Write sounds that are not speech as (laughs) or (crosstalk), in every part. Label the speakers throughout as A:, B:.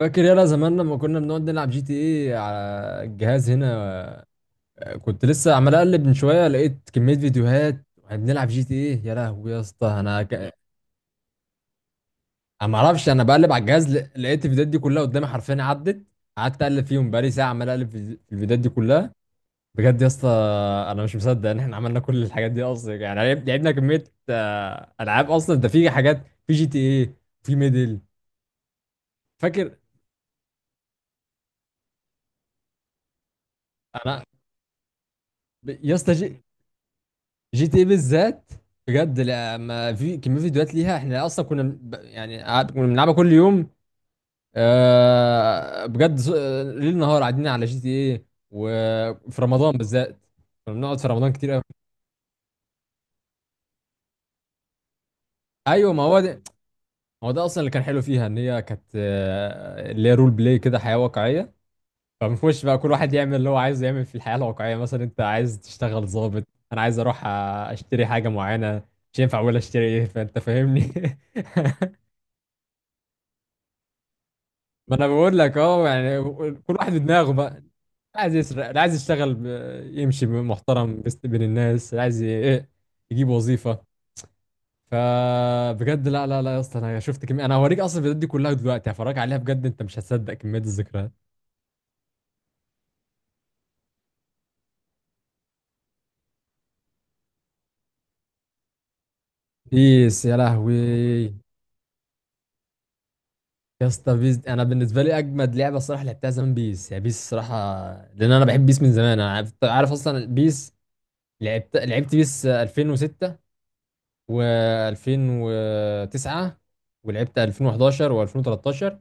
A: فاكر يلا زمان لما كنا بنقعد نلعب جي تي ايه على الجهاز هنا. كنت لسه عمال اقلب من شويه لقيت كميه فيديوهات واحنا بنلعب جي تي ايه، يا لهوي يا اسطى انا ما اعرفش، انا بقلب على الجهاز لقيت الفيديوهات دي كلها قدامي حرفيا، عدت قعدت اقلب فيهم بقالي ساعه عمال اقلب في الفيديوهات دي كلها. بجد يا اسطى، انا مش مصدق ان احنا عملنا كل الحاجات دي اصلا، يعني لعبنا كميه العاب اصلا، ده في حاجات في جي تي ايه، في ميدل، فاكر. انا يا اسطى، جي تي بالذات، بجد لما في كميه فيديوهات ليها، احنا اصلا كنا كنا بنلعبها كل يوم. آه، بجد ز- آه، ليل نهار قاعدين على جي تي ايه، وفي رمضان بالذات كنا بنقعد في رمضان كتير قوي. ايوه، ما هو ده، ما هو ده اصلا اللي كان حلو فيها، ان هي كانت اللي هي رول بلاي كده، حياه واقعيه، فبنخش بقى كل واحد يعمل اللي هو عايزه يعمل في الحياه الواقعيه. مثلا انت عايز تشتغل ضابط، انا عايز اروح اشتري حاجه معينه، مش ينفع اقول اشتري ايه، فانت فاهمني. (laughs) ما انا بقول لك اه يعني، كل واحد بدماغه بقى، اللي عايز يسرق، اللي عايز يمشي محترم بين الناس، اللي عايز ي... إيه، يجيب وظيفه. فبجد لا لا لا يا اسطى، انا شفت كميه، انا هوريك اصلا الفيديوهات دي كلها دلوقتي، هفرجك عليها، بجد انت مش هتصدق كميه الذكريات. بيس، يا لهوي. يا اسطى انا بالنسبه لي اجمد لعبه الصراحه لعبتها زمان بيس، يعني بيس الصراحه، لان انا بحب بيس من زمان، انا عارف اصلا بيس. لعبت بيس 2006 و2009، ولعبت 2011 و2013،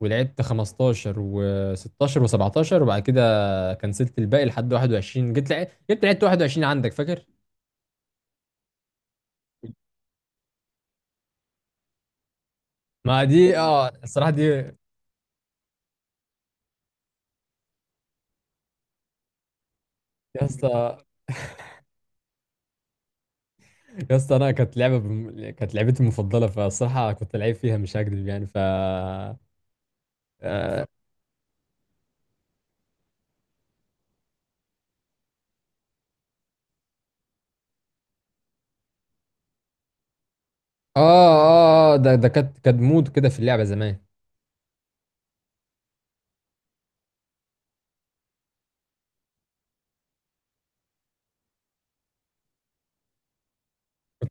A: ولعبت 15 و16 و17، وبعد كده كنسلت الباقي لحد 21، جيت لعبت 21، عندك فاكر؟ ما دي اه الصراحة دي يا اسطى. يا اسطى انا كانت لعبتي المفضلة، فالصراحة كنت لعيب فيها مش هكذب يعني، ف اه اه آه، ده كانت مود كده في اللعبة زمان.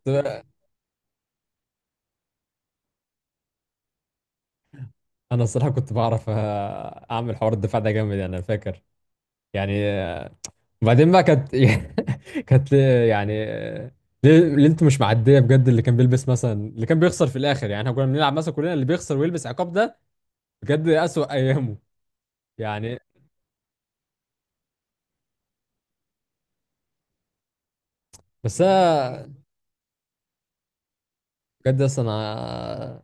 A: كنت، انا الصراحة كنت بعرف اعمل حوار، الدفاع ده جامد يعني، انا فاكر يعني آه، وبعدين بقى كانت (laughs) كانت ليه- يعني آه، ليه ليه انتوا مش معديه بجد؟ اللي كان بيلبس، مثلا اللي كان بيخسر في الاخر، يعني احنا كنا بنلعب مثلا كلنا، اللي بيخسر ويلبس عقاب ده بجد اسوأ ايامه يعني. بس انا بجد اصلا أنا-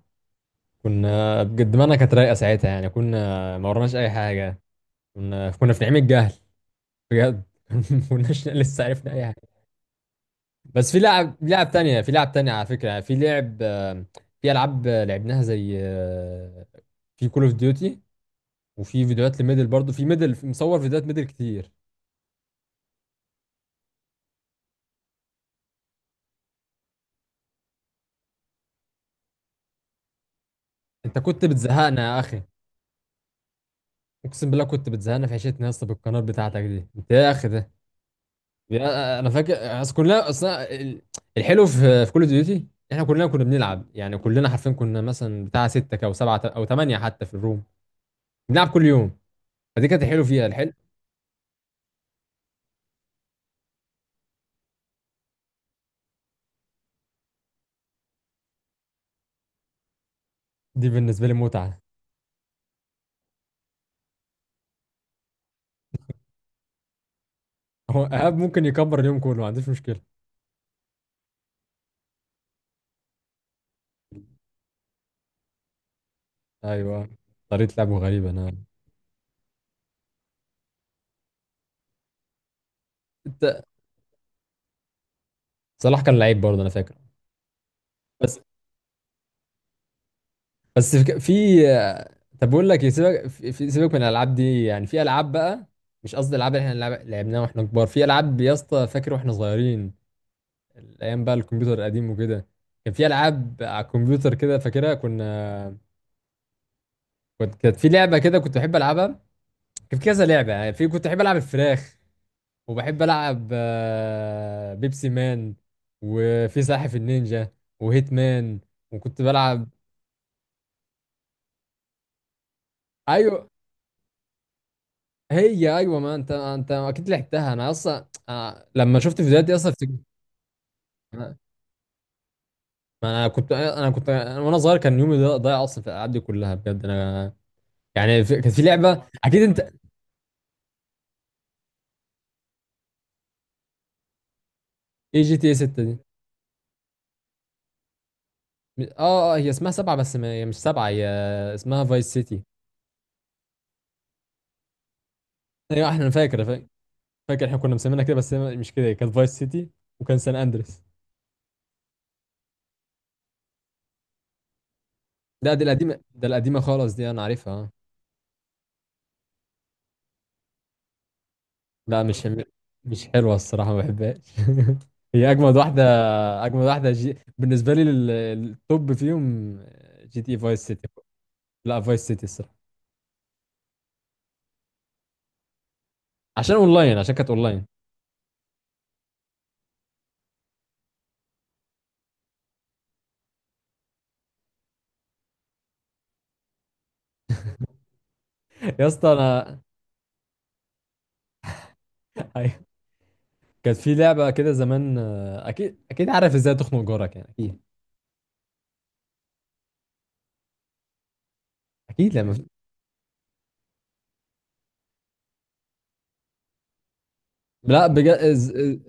A: كنا بجد دماغنا كانت رايقه ساعتها، يعني كنا ما ورناش اي حاجه، كنا في نعيم الجهل بجد. (laughs) ما كناش لسه عرفنا اي. بس في لعب تانية، في لعب تانية على فكرة، يعني في لعب آه، في ألعاب لعبناها زي في كول اوف ديوتي، وفي فيديوهات لميدل برضو، في ميدل مصور فيديوهات ميدل كتير. انت كنت بتزهقنا يا اخي، اقسم بالله كنت بتزهقنا في عيشتنا يا اسطى بالقناه بتاعتك دي، انت يا اخي ده انا فاكر. اصل كلنا الحلو في كول اوف ديوتي، احنا كلنا كنا بنلعب، يعني كلنا حرفيا كنا مثلا بتاع ستة او سبعة او ثمانية حتى في الروم، بنلعب كل يوم، فدي كانت الحلو فيها الحلو. دي بالنسبة لي متعة. هو ايهاب ممكن يكبر اليوم كله، ما عنديش مشكله. ايوه طريقه لعبه غريبه انا، انت صلاح كان لعيب برضه، انا فاكر. بس بس في في- طب بقول لك إيه، سيبك من الالعاب دي، يعني في العاب بقى، مش قصدي الالعاب اللي احنا لعبناها واحنا كبار، في العاب يا اسطى فاكر واحنا صغيرين، الايام بقى، الكمبيوتر القديم وكده، كان في العاب على الكمبيوتر كده فاكرها. كنا كنت كانت في لعبه كده كنت بحب العبها، كان في كذا لعبه يعني، في كنت بحب العب الفراخ، وبحب العب بيبسي مان، وفي ساحف النينجا، وهيت مان، وكنت بلعب. ايوه، هي ايوه ما انت انت اكيد لعبتها، انا اصلا لما شفت فيديوهات دي اصلا افتكرت. ما انا كنت، انا كنت أنا وانا صغير كان يومي ضايع اصلا في الالعاب دي كلها، بجد انا يعني كانت في لعبه اكيد انت. ايه جي تي اي 6 دي؟ هي اسمها سبعه، بس ما... هي مش سبعه، هي اسمها فايس سيتي. ايوه احنا، أنا فاكر، فاكر احنا كنا مسمينها كده، بس هي مش كده، هي كانت فايس سيتي، وكان سان اندريس. لا دي القديمة، ده القديمة خالص دي أنا عارفها آه. لا مش حلوة الصراحة ما بحبهاش. (laughs) هي أجمد واحدة، أجمد واحدة بالنسبة لي التوب فيهم جي تي إيه فايس سيتي. لا فايس سيتي الصراحة، عشان أونلاين، عشان كانت أونلاين. يا اسطى أنا (laughs) أيوة. كانت في لعبة كده زمان أكيد، أكيد عارف إزاي تخنق جارك، يعني أكيد. أكيد لما، لا بجد إز... إز...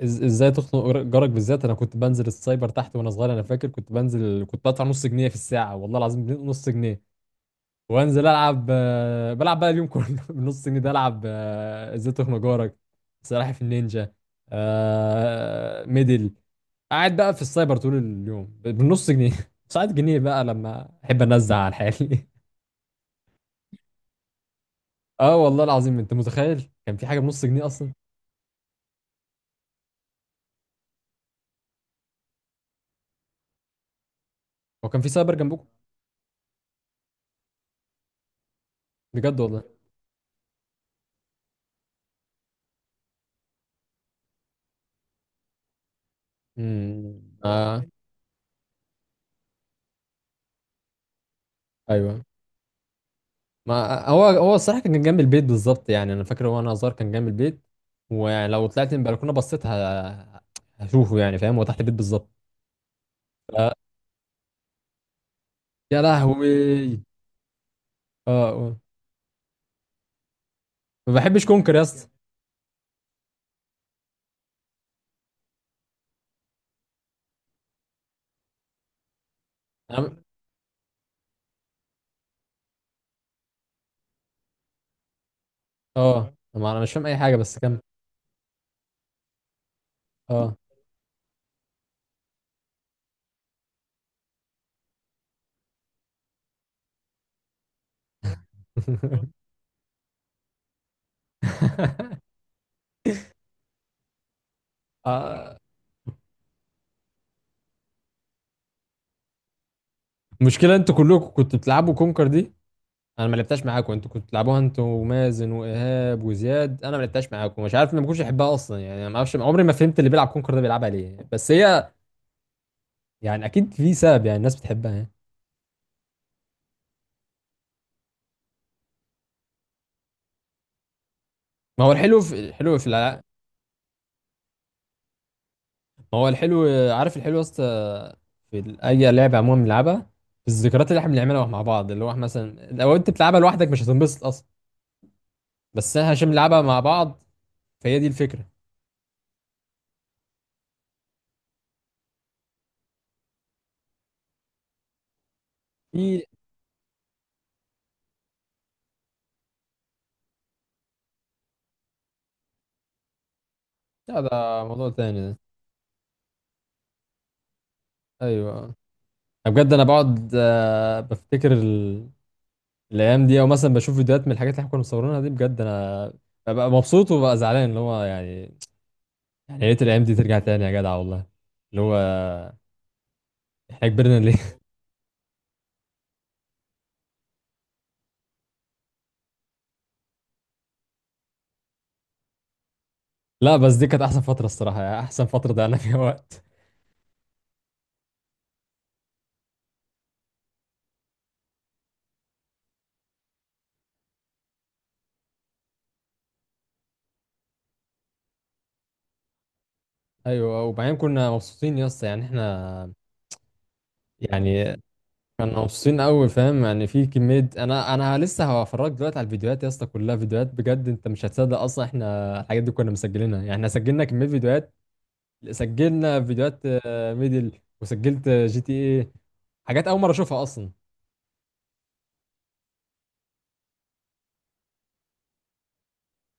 A: إز- ازاي تخنق جارك، بالذات انا كنت بنزل السايبر تحت وانا صغير، انا فاكر كنت بنزل، كنت بدفع نص جنيه في الساعه، والله العظيم نص جنيه، وانزل العب بلعب بقى اليوم كله (laughs) بنص جنيه ده، العب ازاي تخنق جارك، سلاحف النينجا، ميدل. قاعد بقى في السايبر طول اليوم بالنص جنيه. (laughs) ساعات جنيه بقى لما احب انزع على حالي. (laughs) اه والله العظيم انت متخيل كان في حاجه بنص جنيه اصلا. هو كان في سايبر جنبكم؟ بجد والله. اه. ايوه ما هو، هو الصراحه كان جنب البيت بالظبط، يعني انا فاكر وانا صغير كان جنب البيت، ولو طلعت من البلكونه هشوفه يعني فاهم، هو تحت البيت بالظبط. ف- يا لهوي. اه آه. ما بحبش كونكر يا اسطى. أنا- اه ما انا مش فاهم اي حاجه، بس كمل. اه. (laughs) آه. المشكله انتوا كلكم كنتوا بتلعبوا كونكر دي، انا ما لعبتهاش معاكم، انتوا كنتوا بتلعبوها انتوا ومازن وايهاب وزياد، انا ما لعبتهاش معاكم، مش عارف، ما كنتش احبها اصلا يعني، ما اعرفش، عمري ما فهمت اللي بيلعب كونكر ده بيلعبها ليه، بس هي يعني اكيد في سبب يعني، الناس بتحبها يعني. ما هو الحلو في الحلو في الع... ما هو الحلو عارف الحلو يا اسطى؟ في اي لعبه عموما بنلعبها، في الذكريات اللي احنا بنعملها مع بعض، اللي هو احنا مثلا لو انت بتلعبها لوحدك مش هتنبسط اصلا، بس احنا عشان بنلعبها مع بعض، فهي دي الفكره. في. لا ده موضوع تاني ده. ايوه. أنا بجد انا بقعد بفتكر الايام دي، او مثلا بشوف فيديوهات من الحاجات اللي احنا كنا مصورينها دي، بجد انا ببقى مبسوط وببقى زعلان، اللي هو يعني، يعني يا ريت الايام دي ترجع تاني يا جدع والله، اللي هو احنا كبرنا ليه؟ (laughs) لا بس دي كانت احسن فترة الصراحة، يعني احسن فترة ضيعنا فيها وقت. ايوه أه، وبعدين كنا مبسوطين يا اسطى يعني احنا، يعني كنا مبسوطين قوي فاهم يعني، في كمية، انا لسه هفرجك دلوقتي على الفيديوهات يا اسطى، كلها فيديوهات بجد، انت مش هتصدق اصلا احنا الحاجات دي كنا مسجلينها، يعني احنا سجلنا كمية فيديوهات، سجلنا فيديوهات ميدل، وسجلت جي تي ايه، حاجات اول مرة اشوفها اصلا.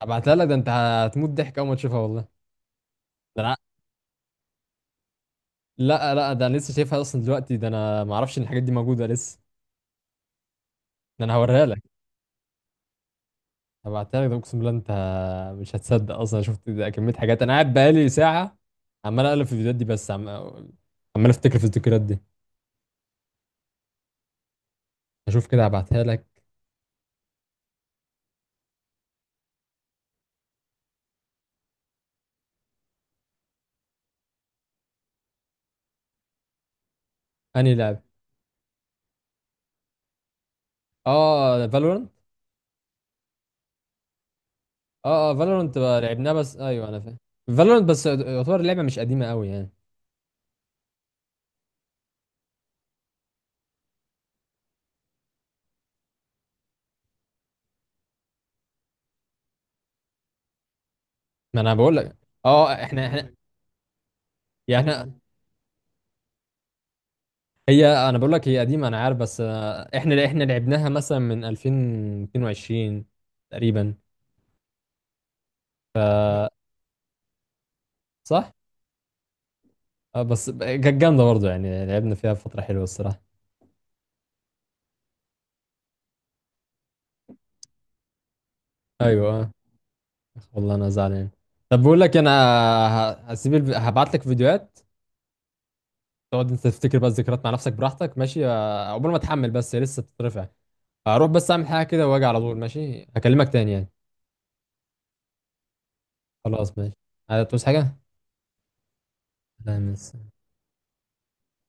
A: ابعتها لك، ده انت هتموت ضحك اول ما تشوفها والله. ده أنا- لا لا ده انا لسه شايفها اصلا دلوقتي، ده انا ما اعرفش ان الحاجات دي موجودة لسه. ده انا هوريها لك، هبعتها لك، ده اقسم بالله انت مش هتصدق اصلا شفت، ده كميه حاجات انا قاعد بقالي ساعه عمال اقلب في الفيديوهات دي، عمال افتكر في الذكريات دي. اشوف كده، هبعتها لك. انهي لعب؟ اه فالورنت. اه اه فالورنت لعبناها، بس ايوه انا فاهم، فالورنت بس يعتبر اللعبه مش قديمه قوي يعني. ما انا بقول لك اه احنا يعني إحنا- هي انا بقول لك هي قديمه انا عارف، بس احنا لعبناها مثلا من 2022 تقريبا. صح. اه بس كانت جامده برضه، يعني لعبنا فيها فتره حلوه الصراحه. ايوه اه. والله انا زعلان. طب بقول لك انا، هبعت لك فيديوهات، تقعد انت تفتكر بقى الذكريات مع نفسك براحتك، ماشي؟ عقبال ما اتحمل بس، هي لسه بتترفع. هروح بس اعمل حاجه كده واجي على طول، ماشي؟ هكلمك تاني يعني. خلاص ماشي. هتعوز حاجه؟ لا ميرسي.